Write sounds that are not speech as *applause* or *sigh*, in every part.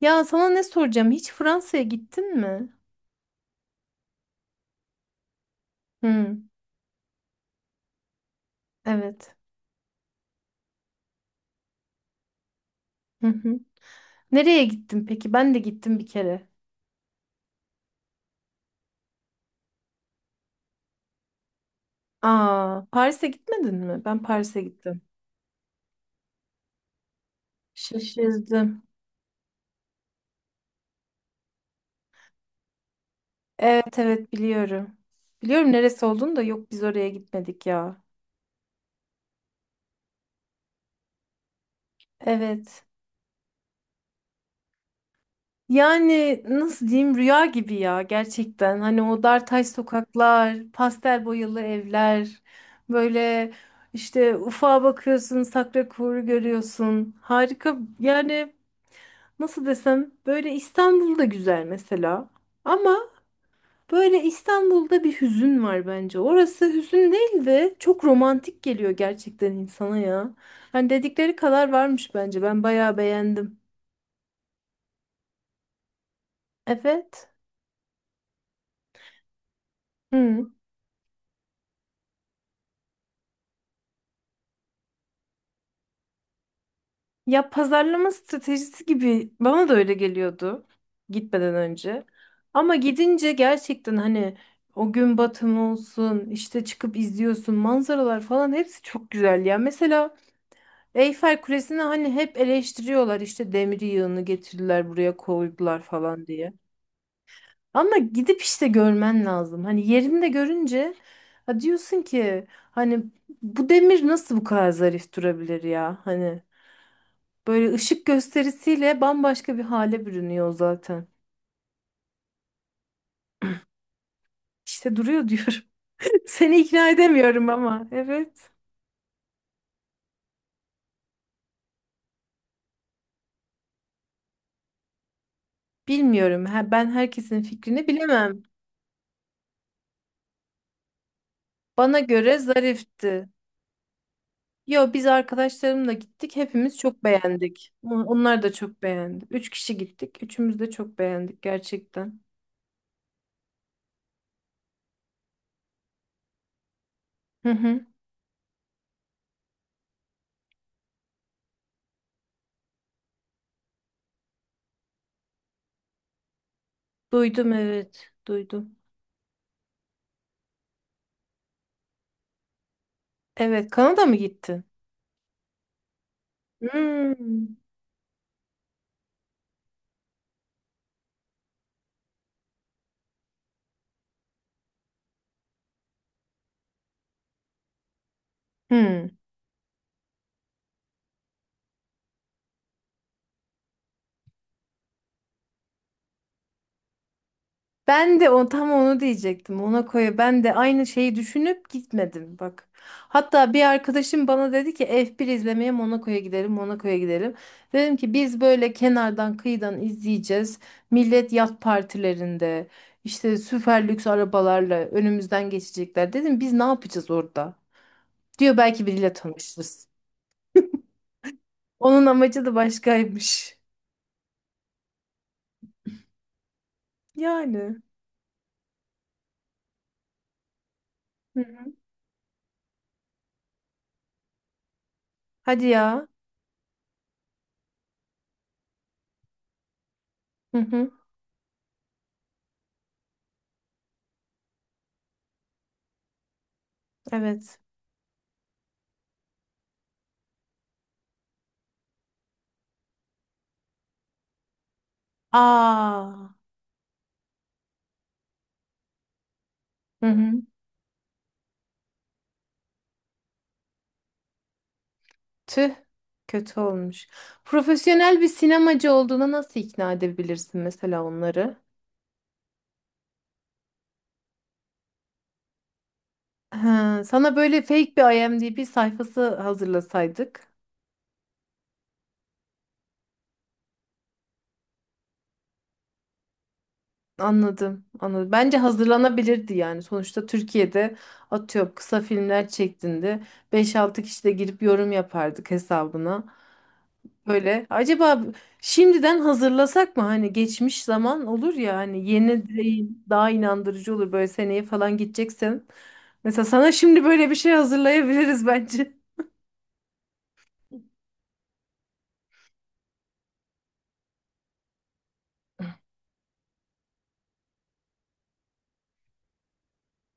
Ya sana ne soracağım? Hiç Fransa'ya gittin mi? Hı, evet. Hı hı. Nereye gittin peki? Ben de gittim bir kere. Aa, Paris'e gitmedin mi? Ben Paris'e gittim. Şaşırdım. Evet evet biliyorum. Biliyorum neresi olduğunu da yok biz oraya gitmedik ya. Evet. Yani nasıl diyeyim, rüya gibi ya gerçekten. Hani o dartaş sokaklar, pastel boyalı evler, böyle işte ufağa bakıyorsun, Sakrakor'u görüyorsun. Harika yani, nasıl desem, böyle İstanbul'da güzel mesela. Ama böyle İstanbul'da bir hüzün var bence. Orası hüzün değil de çok romantik geliyor gerçekten insana ya. Hani dedikleri kadar varmış bence. Ben bayağı beğendim. Evet. Hı. Ya pazarlama stratejisi gibi bana da öyle geliyordu gitmeden önce. Ama gidince gerçekten hani o gün batımı olsun, işte çıkıp izliyorsun manzaralar falan, hepsi çok güzel ya. Mesela Eyfel Kulesi'ni hani hep eleştiriyorlar, işte demir yığını getirdiler buraya koydular falan diye. Ama gidip işte görmen lazım. Hani yerinde görünce ha diyorsun ki, hani bu demir nasıl bu kadar zarif durabilir ya? Hani böyle ışık gösterisiyle bambaşka bir hale bürünüyor zaten. İşte duruyor diyorum. *laughs* Seni ikna edemiyorum ama. Evet. Bilmiyorum. Ha, ben herkesin fikrini bilemem. Bana göre zarifti. Yo, biz arkadaşlarımla gittik. Hepimiz çok beğendik. Onlar da çok beğendi. Üç kişi gittik. Üçümüz de çok beğendik gerçekten. Hı hı. Duydum evet. Duydum. Evet. Kanada mı gittin? Hmm. Hmm. Ben de o, tam onu diyecektim. Ona koyu, ben de aynı şeyi düşünüp gitmedim bak. Hatta bir arkadaşım bana dedi ki F1 izlemeye Monaco'ya gidelim, Monaco'ya gidelim. Dedim ki biz böyle kenardan kıyıdan izleyeceğiz. Millet yat partilerinde işte süper lüks arabalarla önümüzden geçecekler. Dedim biz ne yapacağız orada? Diyor belki biriyle tanışırız. Onun amacı da başkaymış. Yani. Hı hı. Hadi ya. Hı hı. Evet. Aa. Hı hı. Tüh, kötü olmuş. Profesyonel bir sinemacı olduğuna nasıl ikna edebilirsin mesela onları? Ha, sana böyle fake bir IMDb sayfası hazırlasaydık. Anladım, anladım. Bence hazırlanabilirdi yani. Sonuçta Türkiye'de atıyorum kısa filmler çektiğinde beş altı kişi de girip yorum yapardık hesabına. Böyle. Acaba şimdiden hazırlasak mı? Hani geçmiş zaman olur ya, hani yeni değil, daha inandırıcı olur böyle seneye falan gideceksen. Mesela sana şimdi böyle bir şey hazırlayabiliriz *laughs* bence.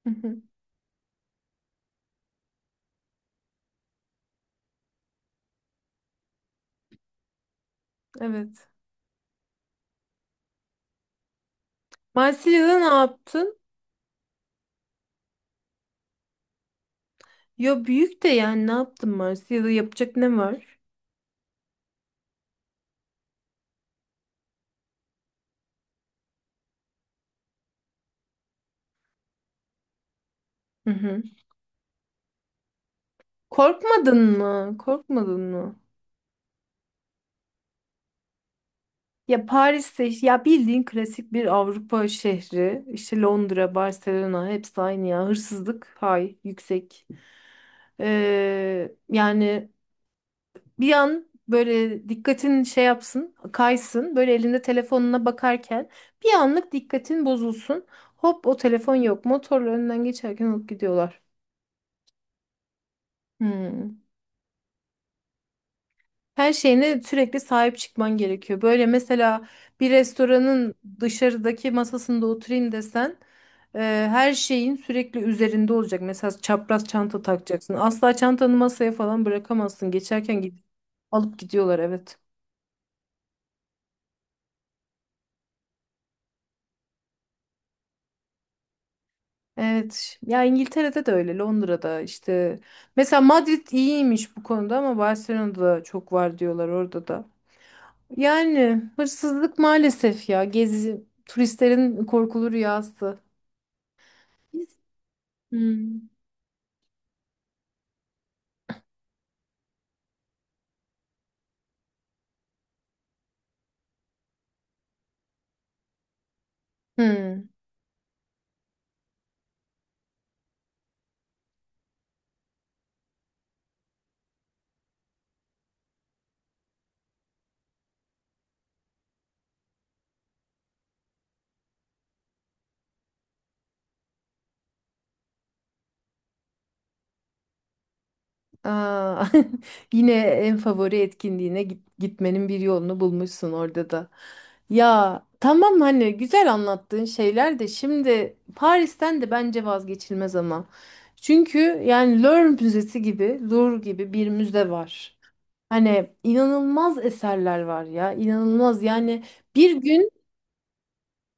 Hı hı. Evet. Marsilya'da ne yaptın? Ya büyük de yani, ne yaptın Marsilya'da, yapacak ne var? Hı hı. Korkmadın mı? Korkmadın mı? Ya Paris'te ya bildiğin klasik bir Avrupa şehri. İşte Londra, Barcelona, hepsi aynı ya. Hırsızlık hay yüksek. Yani bir an böyle dikkatin şey yapsın, kaysın. Böyle elinde telefonuna bakarken bir anlık dikkatin bozulsun. Hop, o telefon yok. Motorla önünden geçerken alıp gidiyorlar. Hmm. Her şeyine sürekli sahip çıkman gerekiyor. Böyle mesela bir restoranın dışarıdaki masasında oturayım desen e, her şeyin sürekli üzerinde olacak. Mesela çapraz çanta takacaksın. Asla çantanı masaya falan bırakamazsın. Geçerken gidip alıp gidiyorlar, evet. Evet. Ya İngiltere'de de öyle, Londra'da işte. Mesela Madrid iyiymiş bu konuda ama Barcelona'da da çok var diyorlar, orada da. Yani hırsızlık maalesef ya, gezi turistlerin korkulu rüyası. Hmm. Hmm. Aa, *laughs* yine en favori etkinliğine gitmenin bir yolunu bulmuşsun orada da. Ya tamam, hani güzel anlattığın şeyler de, şimdi Paris'ten de bence vazgeçilmez ama. Çünkü yani Louvre Müzesi gibi, Louvre gibi bir müze var. Hani inanılmaz eserler var ya, inanılmaz yani. bir gün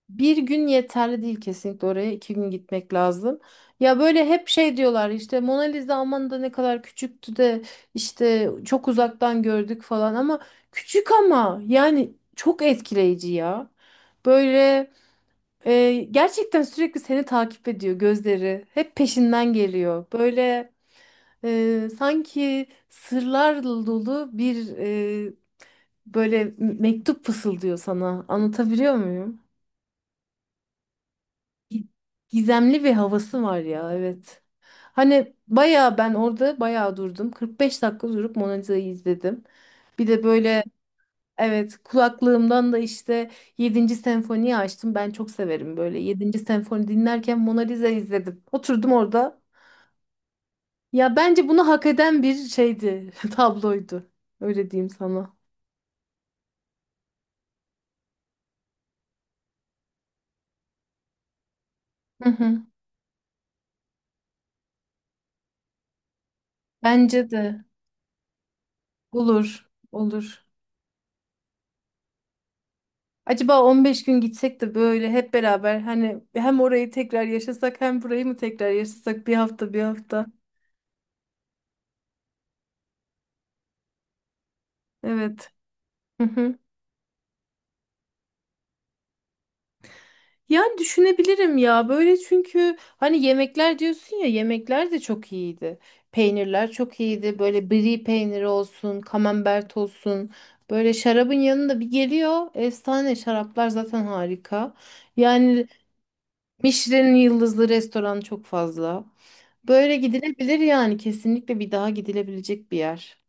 Bir gün yeterli değil, kesinlikle oraya iki gün gitmek lazım. Ya böyle hep şey diyorlar, işte Mona Lisa aman da ne kadar küçüktü de, işte çok uzaktan gördük falan, ama küçük ama yani çok etkileyici ya. Böyle gerçekten sürekli seni takip ediyor gözleri, hep peşinden geliyor. Böyle sanki sırlar dolu bir, e, böyle mektup fısıldıyor sana, anlatabiliyor muyum? gi- Gizemli bir havası var ya, evet. Hani bayağı, ben orada bayağı durdum. 45 dakika durup Mona Lisa'yı izledim. Bir de böyle, evet, kulaklığımdan da işte yedinci senfoniyi açtım. Ben çok severim, böyle yedinci senfoni dinlerken Mona Lisa izledim. Oturdum orada. Ya bence bunu hak eden bir şeydi, *laughs* tabloydu. Öyle diyeyim sana. Hı hı. Bence de olur, olur. Acaba 15 gün gitsek de böyle hep beraber hani, hem orayı tekrar yaşasak hem burayı mı tekrar yaşasak, bir hafta bir hafta. Evet. Hı hı. Yani düşünebilirim ya böyle, çünkü hani yemekler diyorsun ya, yemekler de çok iyiydi. Peynirler çok iyiydi. Böyle brie peyniri olsun, kamembert olsun. Böyle şarabın yanında bir geliyor. Efsane şaraplar zaten, harika. Yani Michelin yıldızlı restoran çok fazla. Böyle gidilebilir yani, kesinlikle bir daha gidilebilecek bir yer.